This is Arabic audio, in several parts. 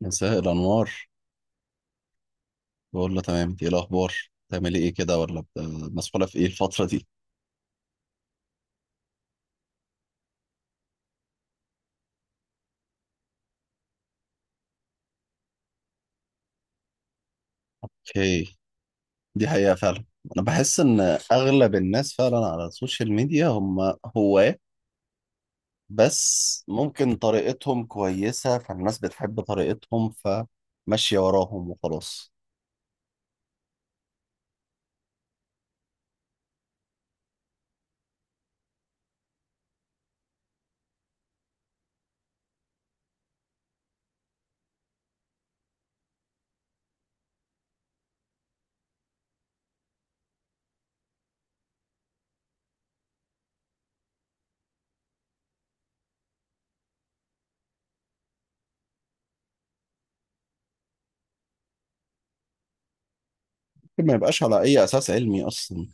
مساء الأنوار. بقول له تمام، إنت إيه الأخبار؟ بتعملي إيه كده ولا مسحولة في إيه الفترة دي؟ أوكي، دي حقيقة فعلا. أنا بحس إن أغلب الناس فعلا على السوشيال ميديا هم هواة، بس ممكن طريقتهم كويسة فالناس بتحب طريقتهم، فماشية وراهم وخلاص. ممكن ما يبقاش على أي أساس علمي أصلا.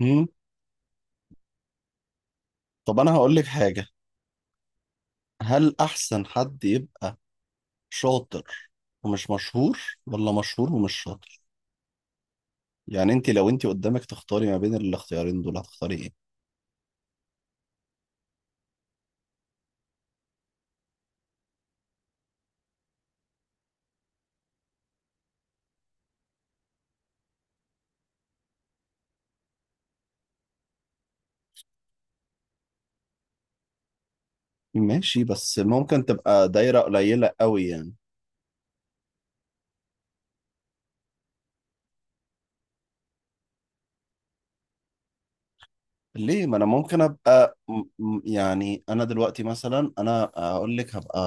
هم؟ طب أنا هقول لك حاجة، هل أحسن حد يبقى شاطر ومش مشهور ولا مشهور ومش شاطر؟ يعني انت لو انت قدامك تختاري ما بين الاختيارين دول هتختاري ايه؟ ماشي، بس ممكن تبقى دايرة قليلة قوي يعني. ليه؟ ما انا ممكن ابقى يعني انا دلوقتي مثلا انا اقول لك هبقى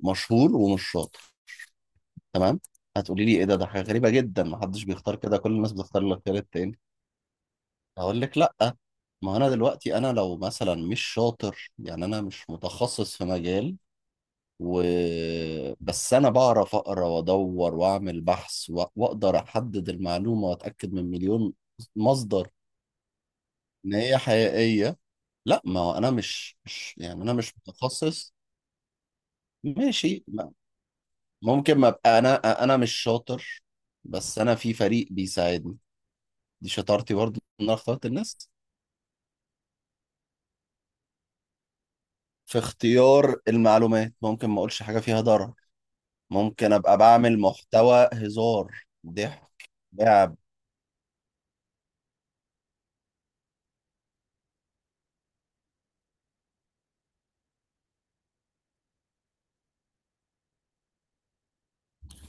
مشهور ومش شاطر، تمام؟ هتقولي لي ايه ده، ده حاجة غريبة جدا ما حدش بيختار كده، كل الناس بتختار الاختيار التاني. هقول لك لا. ما انا دلوقتي انا لو مثلا مش شاطر، يعني انا مش متخصص في مجال، و بس انا بعرف اقرا وادور واعمل بحث واقدر احدد المعلومه واتاكد من مليون مصدر ان هي حقيقيه. لا، ما هو انا مش يعني انا مش متخصص. ماشي ما- ممكن ما ابقى انا انا مش شاطر، بس انا في فريق بيساعدني. دي شطارتي برضو ان انا اخترت الناس في اختيار المعلومات. ممكن ما اقولش حاجه فيها ضرر، ممكن ابقى بعمل محتوى هزار ضحك لعب.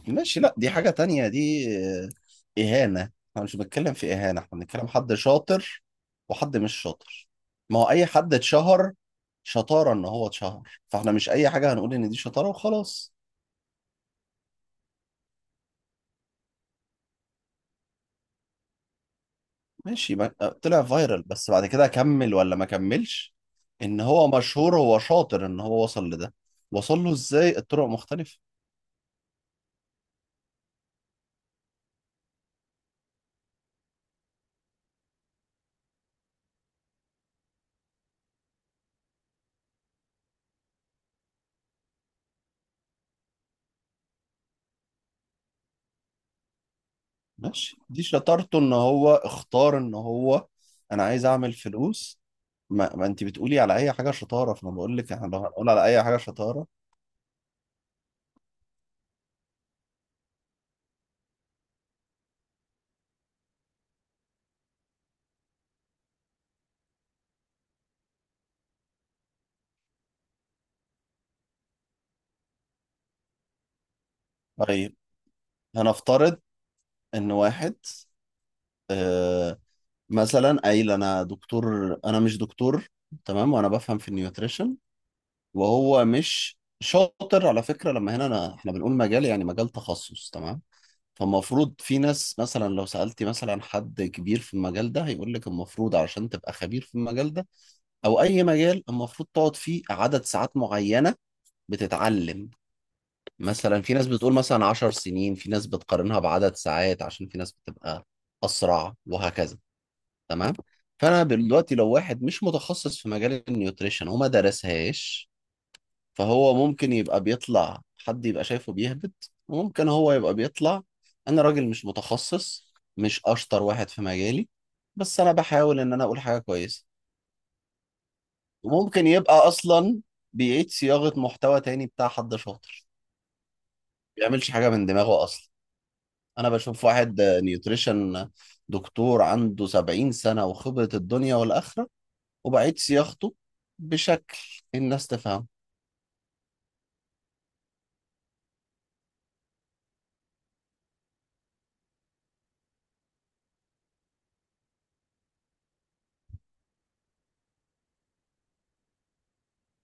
ماشي، لا دي حاجة تانية دي. آه، إهانة. احنا مش بنتكلم في إهانة، احنا بنتكلم حد شاطر وحد مش شاطر. ما هو أي حد اتشهر، شطارة إن هو اتشهر؟ فاحنا مش أي حاجة هنقول إن دي شطارة وخلاص. ماشي ما- آه، طلع فايرال، بس بعد كده كمل ولا ما كملش؟ إن هو مشهور هو شاطر إن هو وصل لده. وصل له إزاي؟ الطرق مختلفة. ماشي، دي شطارته ان هو اختار ان هو انا عايز اعمل فلوس. ما انت بتقولي على اي حاجه شطاره، فانا بقول لك احنا لو هنقول على اي حاجه شطاره. طيب، هنفترض ان واحد، آه، مثلا قايل انا دكتور. انا مش دكتور تمام، وانا بفهم في النيوتريشن، وهو مش شاطر. على فكره لما هنا أنا احنا بنقول مجال يعني مجال تخصص تمام. فالمفروض في ناس مثلا لو سالتي مثلا حد كبير في المجال ده هيقول لك المفروض علشان تبقى خبير في المجال ده او اي مجال المفروض تقعد فيه عدد ساعات معينه بتتعلم. مثلا في ناس بتقول مثلا 10 سنين، في ناس بتقارنها بعدد ساعات عشان في ناس بتبقى اسرع وهكذا. تمام. فانا دلوقتي لو واحد مش متخصص في مجال النيوتريشن وما درسهاش، فهو ممكن يبقى بيطلع حد يبقى شايفه بيهبط، وممكن هو يبقى بيطلع انا راجل مش متخصص، مش اشطر واحد في مجالي، بس انا بحاول ان انا اقول حاجه كويسه. وممكن يبقى اصلا بيعيد صياغه محتوى تاني بتاع حد شاطر، ما بيعملش حاجه من دماغه اصلا. انا بشوف واحد نيوتريشن دكتور عنده 70 سنه وخبره الدنيا والاخره، وبعيد صياغته بشكل الناس تفهم.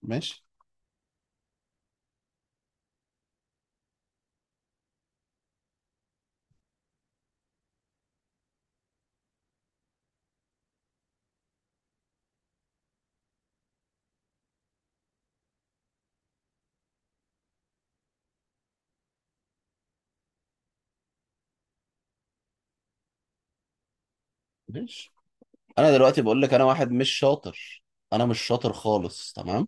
ماشي، ليش؟ انا دلوقتي بقول لك انا واحد مش شاطر، انا مش شاطر خالص تمام.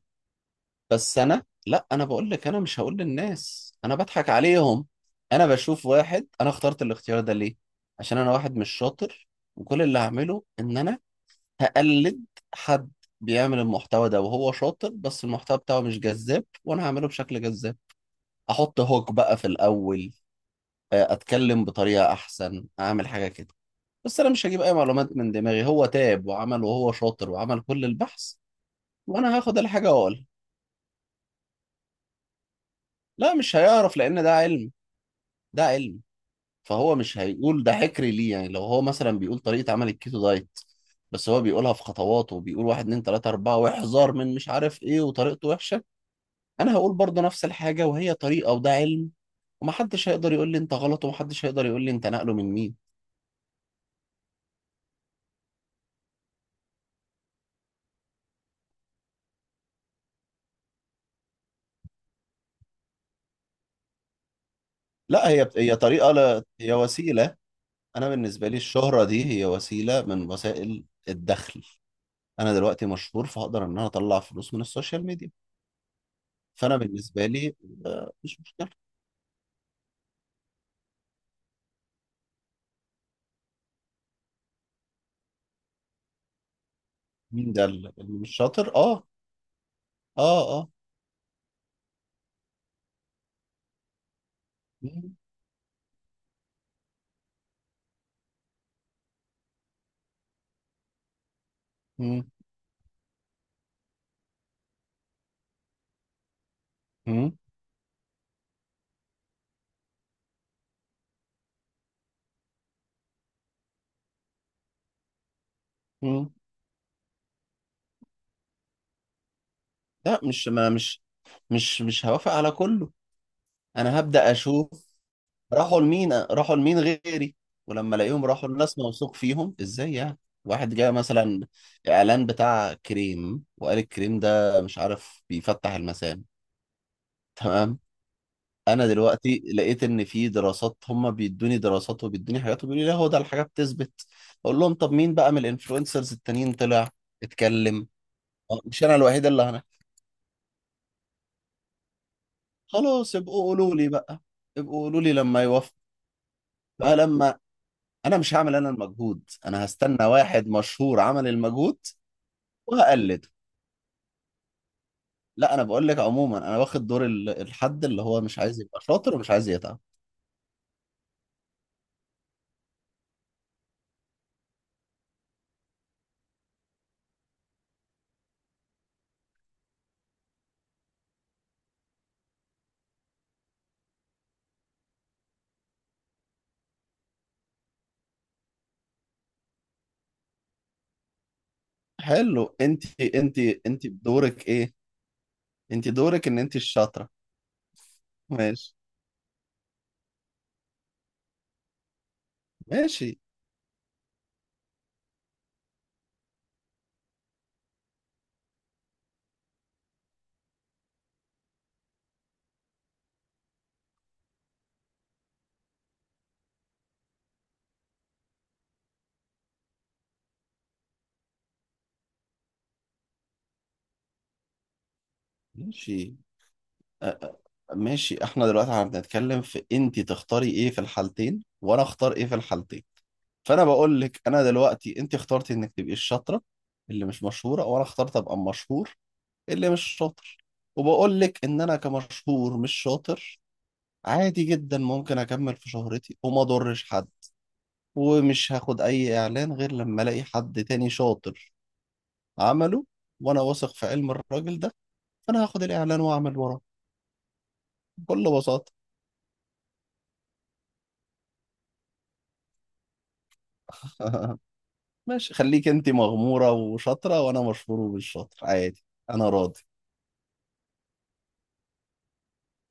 بس انا، لا، انا بقول لك انا مش هقول للناس، انا بضحك عليهم. انا بشوف واحد. انا اخترت الاختيار ده ليه؟ عشان انا واحد مش شاطر، وكل اللي هعمله ان انا هقلد حد بيعمل المحتوى ده وهو شاطر، بس المحتوى بتاعه مش جذاب وانا هعمله بشكل جذاب. احط هوك بقى في الاول، آه، اتكلم بطريقة احسن، اعمل حاجة كده. بس انا مش هجيب اي معلومات من دماغي، هو تاب وعمل وهو شاطر وعمل كل البحث، وانا هاخد الحاجة واقولها. لا، مش هيعرف لان ده علم. ده علم. فهو مش هيقول ده حكري ليه؟ يعني لو هو مثلا بيقول طريقة عمل الكيتو دايت، بس هو بيقولها في خطوات وبيقول واحد اتنين تلاتة أربعة واحذر من مش عارف ايه، وطريقته وحشة، أنا هقول برضه نفس الحاجة، وهي طريقة وده علم. ومحدش هيقدر يقول لي أنت غلط، ومحدش هيقدر يقول لي أنت نقله من مين. لا، هي هي طريقة، لا هي وسيلة. أنا بالنسبة لي الشهرة دي هي وسيلة من وسائل الدخل. أنا دلوقتي مشهور، فهقدر إن أنا أطلع فلوس من السوشيال ميديا. فأنا بالنسبة لي، آه، مين ده اللي مش شاطر؟ اه، اه، اه. مم، مم، مم، مم. لا، مش ما مش مش مش هوافق على كله. انا هبدأ اشوف راحوا لمين، راحوا لمين غيري، ولما الاقيهم راحوا لناس موثوق فيهم ازاي يعني. واحد جاء مثلا اعلان بتاع كريم وقال الكريم ده مش عارف بيفتح المسام، تمام. انا دلوقتي لقيت ان في دراسات، هم بيدوني دراسات وبيدوني حاجات وبيقولوا لي لا هو ده الحاجه بتثبت، اقول لهم طب مين بقى من الانفلونسرز التانيين طلع اتكلم؟ مش انا الوحيد اللي، خلاص ابقوا قولوا لي بقى، ابقوا قولوا لي لما يوافق بقى لما. انا مش هعمل انا المجهود، انا هستنى واحد مشهور عمل المجهود وهقلده. لا انا بقول لك عموما انا واخد دور الحد اللي هو مش عايز يبقى شاطر ومش عايز يتعب. حلو، انت انت بدورك ايه؟ انت دورك ان انت الشاطرة. ماشي، ماشي، ماشي. أ- أ- ماشي، احنا دلوقتي هنتكلم في انت تختاري ايه في الحالتين وانا اختار ايه في الحالتين. فانا بقول لك انا دلوقتي انت اخترتي انك تبقي الشاطره اللي مش مشهوره، وانا اخترت ابقى مشهور اللي مش شاطر. وبقول لك ان انا كمشهور مش شاطر عادي جدا، ممكن اكمل في شهرتي وما اضرش حد، ومش هاخد اي اعلان غير لما الاقي حد تاني شاطر عمله وانا واثق في علم الراجل ده، فانا هاخد الاعلان واعمل وراه بكل بساطه. ماشي، خليك انت مغموره وشاطره وانا مشهور ومش شاطر، عادي. انا راضي.